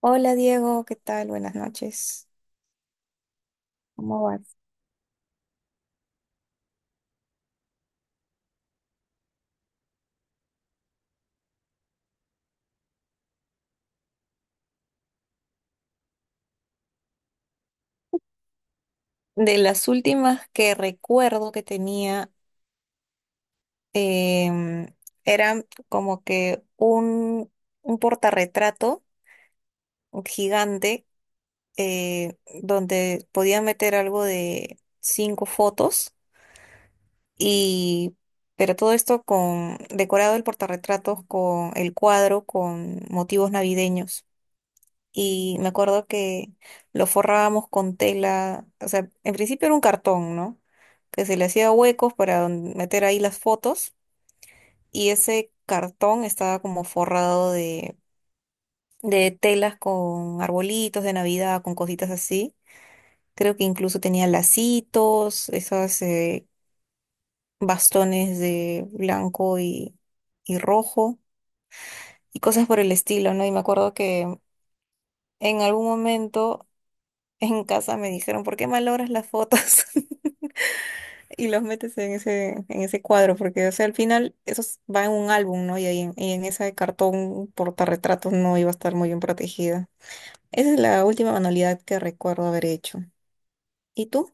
Hola Diego, ¿qué tal? Buenas noches. ¿Cómo vas? De las últimas que recuerdo que tenía, em, era como que un portarretrato gigante eh, donde podía meter algo de cinco fotos y pero todo esto con decorado el portarretrato con el cuadro con motivos navideños. Y me acuerdo que lo forrábamos con tela, o sea, en principio era un cartón, ¿no? Que se le hacía huecos para meter ahí las fotos y ese cartón estaba como forrado de telas con arbolitos de Navidad, con cositas así. Creo que incluso tenía lacitos, esos bastones de blanco y rojo y cosas por el estilo, ¿no? Y me acuerdo que en algún momento en casa me dijeron, ¿por qué malogras las fotos? Y los metes en ese cuadro, porque, o sea, al final eso va en un álbum, ¿no? Y ahí en ese cartón portarretratos no iba a estar muy bien protegida. Esa es la última manualidad que recuerdo haber hecho. ¿Y tú?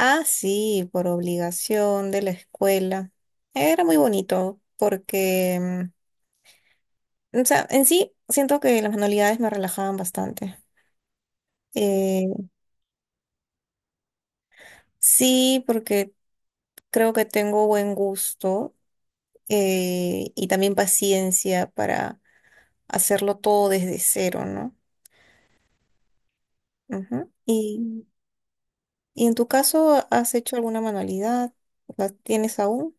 Ah, sí, por obligación de la escuela. Era muy bonito, porque, o sea, en sí siento que las manualidades me relajaban bastante. Eh, sí, porque creo que tengo buen gusto y también paciencia para hacerlo todo desde cero, ¿no? Ujú. Y en tu caso, ¿has hecho alguna manualidad? ¿La tienes aún?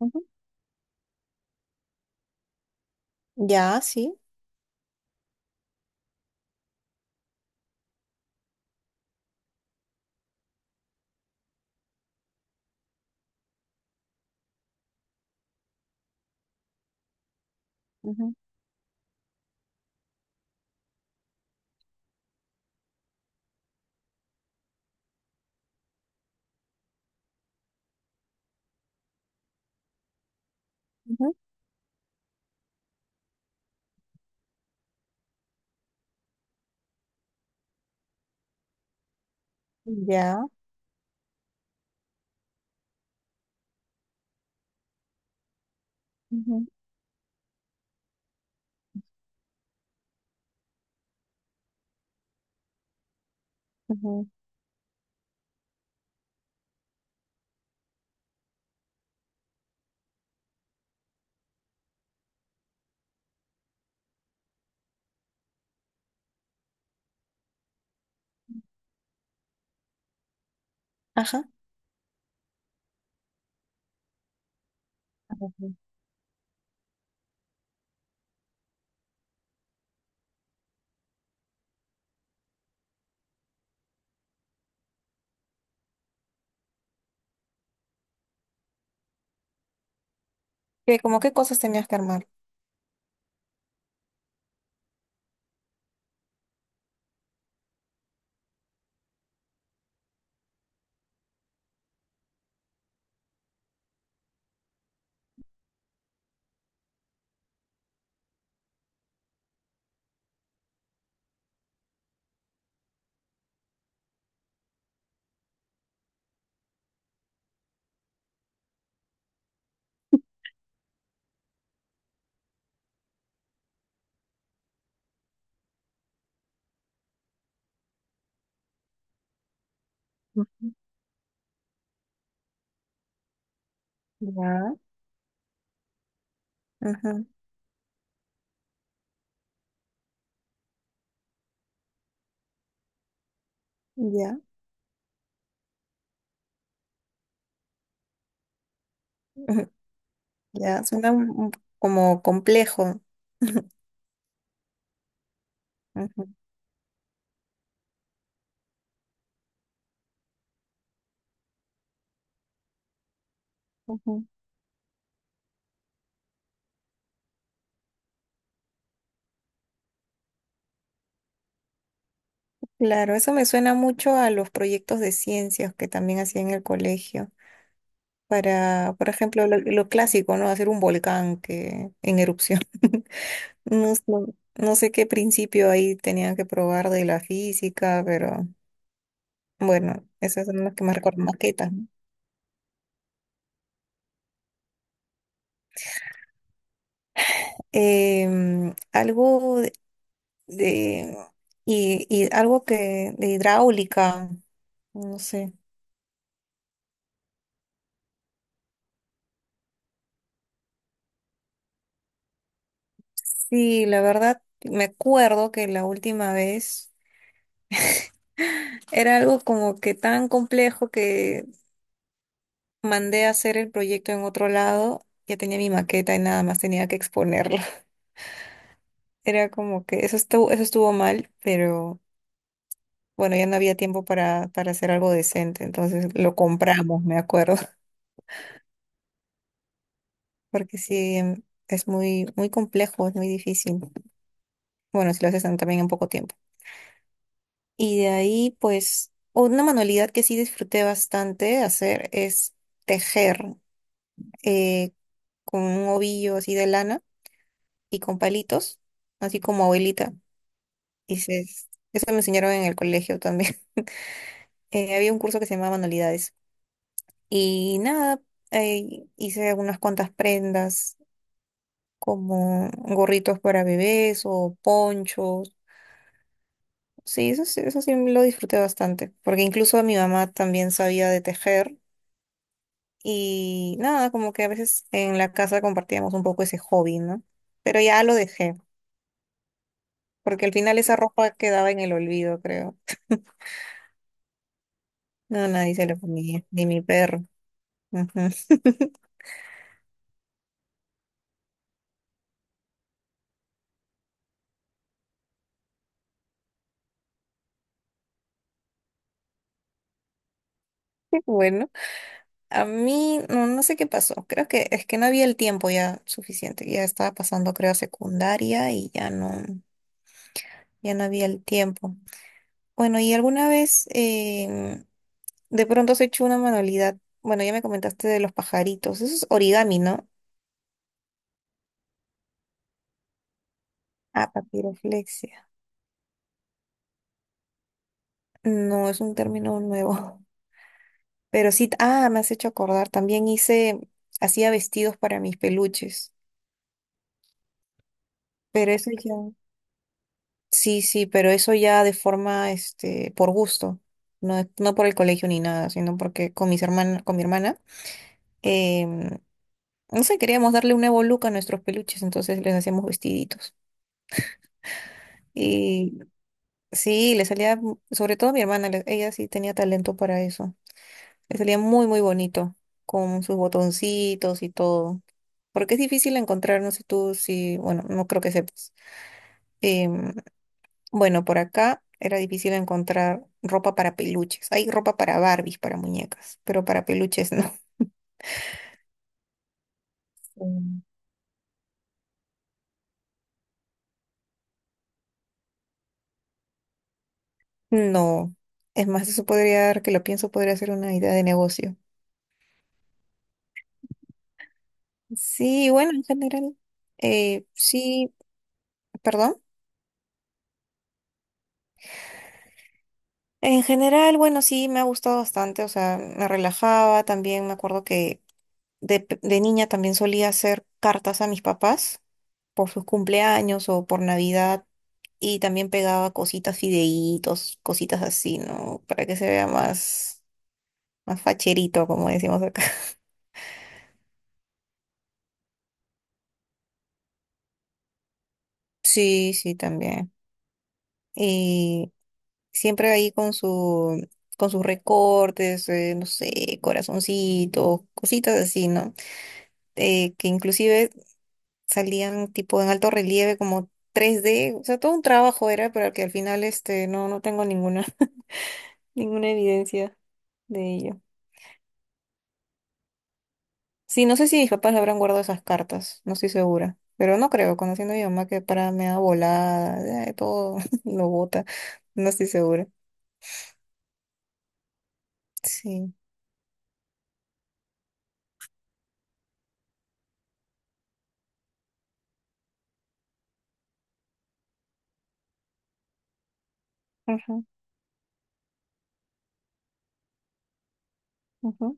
Ujú. Ya, sí. Ujú, ujú. Ya. Ujú, ujú. Ajá. Ujú. ¿Qué, como qué cosas tenías que armar? Ujú. Ya. Ujú. Ya. Ujú. Ya. Suena como complejo. Ujú, ujú. Claro, eso me suena mucho a los proyectos de ciencias que también hacía en el colegio. Para, por ejemplo, lo clásico, ¿no? Hacer un volcán que, en erupción. No, sé- no sé qué principio ahí tenían que probar de la física, pero bueno, esas son las que más recuerdo, maquetas, ¿no? Algo de, y algo que de hidráulica, no sé. Sí, la verdad, me acuerdo que la última vez era algo como que tan complejo que mandé a hacer el proyecto en otro lado. Ya tenía mi maqueta y nada más tenía que exponerlo. Era como que eso estuvo mal, pero bueno, ya no había tiempo para hacer algo decente. Entonces lo compramos, me acuerdo. Porque sí, es muy, muy complejo, es muy difícil. Bueno, si lo haces también en poco tiempo. Y de ahí, pues, una manualidad que sí disfruté bastante hacer es tejer eh, con un ovillo así de lana y con palitos, así como abuelita. Y se- Eso me enseñaron en el colegio también. Había un curso que se llamaba Manualidades. Y nada, hice unas cuantas prendas, como gorritos para bebés o ponchos. Sí, eso sí lo disfruté bastante, porque incluso mi mamá también sabía de tejer. Y nada, como que a veces en la casa compartíamos un poco ese hobby, ¿no? Pero ya lo dejé, porque al final esa ropa quedaba en el olvido, creo. No, nadie se lo comía, ni mi perro. Ujú. Bueno, a mí no, no sé qué pasó. Creo que es que no había el tiempo ya suficiente. Ya estaba pasando, creo, a secundaria y ya ya no había el tiempo. Bueno, ¿y alguna vez de pronto has hecho una manualidad? Bueno, ya me comentaste de los pajaritos. Eso es origami, ¿no? Ah, papiroflexia. No, es un término nuevo. Pero sí, ah, me has hecho acordar. Hacía vestidos para mis peluches. Pero eso ya. Sí, sí, pero eso ya de forma, este, por gusto, no por el colegio ni nada, sino porque con mis hermanas, con mi hermana, em, no sé, queríamos darle un nuevo look a nuestros peluches, entonces les hacíamos vestiditos. Y sí, mu- sobre todo a mi hermana, le- ella sí tenía talento para eso. Le salía muy, muy bonito, con sus botoncitos y todo. Porque es difícil encontrar, no sé tú si, bueno, no creo que sepas. Em, bueno, por acá era difícil encontrar ropa para peluches. Hay ropa para Barbies, para muñecas, pero para peluches no. Mm. No. Es más, eso podría dar, que lo pienso, podría ser una idea de negocio. Sí, bueno, en general, sí, perdón. En general, bueno, sí, me ha gustado bastante, o sea, me relajaba, también me acuerdo que de niña también solía hacer cartas a mis papás por sus cumpleaños o por Navidad y también pegaba cositas, fideitos, cositas así, ¿no? Para que se vea más facherito, como decimos acá. Sí, sí, también. Y siempre ahí con sus recortes, no sé, corazoncitos, cositas así, ¿no? Que inclusive salían tipo en alto relieve, como 3D, o sea, todo un trabajo era, pero que al final este, no, no tengo ninguna, ninguna evidencia de ello. Sí, no sé si mis papás habrán guardado esas cartas, no estoy segura, pero no creo, conociendo a mi mamá que para me da volada, todo lo bota, no estoy segura. Sí, ajá, ajá,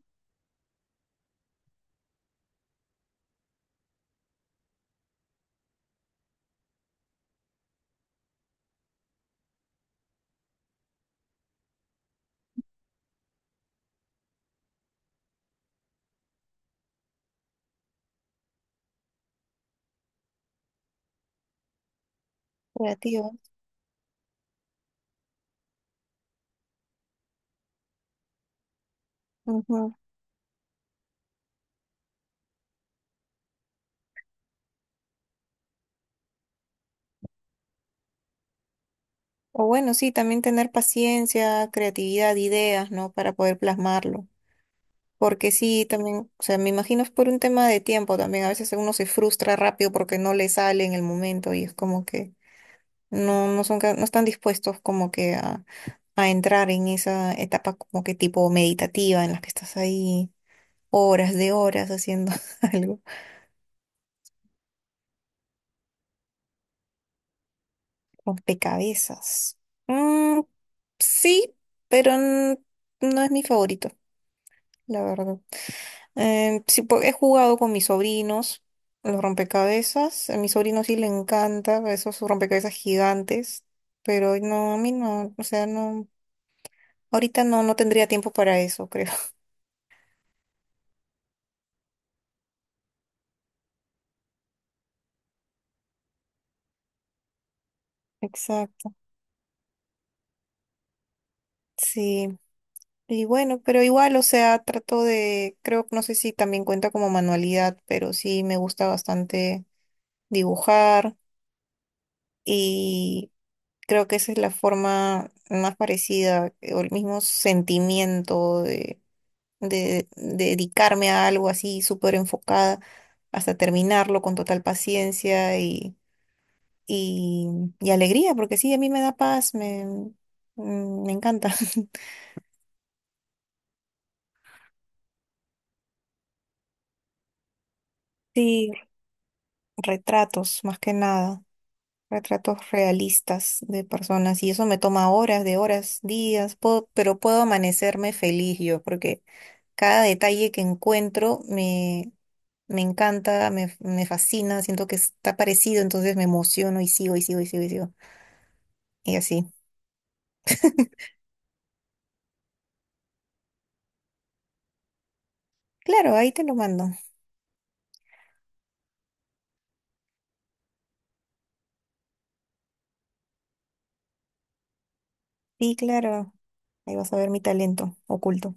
creativos, ajá. O bueno, sí, también tener paciencia, creatividad, ideas, ¿no? Para poder plasmarlo. Porque sí, también, o sea, me imagino es por un tema de tiempo también. A veces uno se frustra rápido porque no le sale en el momento y es como que no son, ca- no están dispuestos como que a entrar en esa etapa como que tipo meditativa en la que estás ahí horas de horas haciendo algo. Rompecabezas. Mm, sí, pero no es mi favorito, la verdad. Sí, po- he jugado con mis sobrinos los rompecabezas. A mi sobrino sí le encanta esos rompecabezas gigantes, pero no, a mí no, o sea, no, ahorita no, no tendría tiempo para eso, creo. Exacto, sí. Y bueno, pero igual, o sea, trato de, creo, no sé si también cuenta como manualidad, pero sí me gusta bastante dibujar y creo que esa es la forma más parecida o el mismo sentimiento de dedicarme a algo así súper enfocada hasta terminarlo con total paciencia y, y alegría, porque sí, a mí me da paz, mm, me encanta. Sí, retratos, más que nada, retratos realistas de personas y eso me toma horas, de horas, días, pero puedo amanecerme feliz yo, porque cada detalle que encuentro me encanta, me fascina, siento que está parecido, entonces me emociono y sigo y sigo y sigo y sigo. Y así. Claro, ahí te lo mando. Sí, claro. Ahí vas a ver mi talento oculto.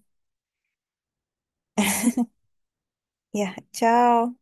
Ya, chao.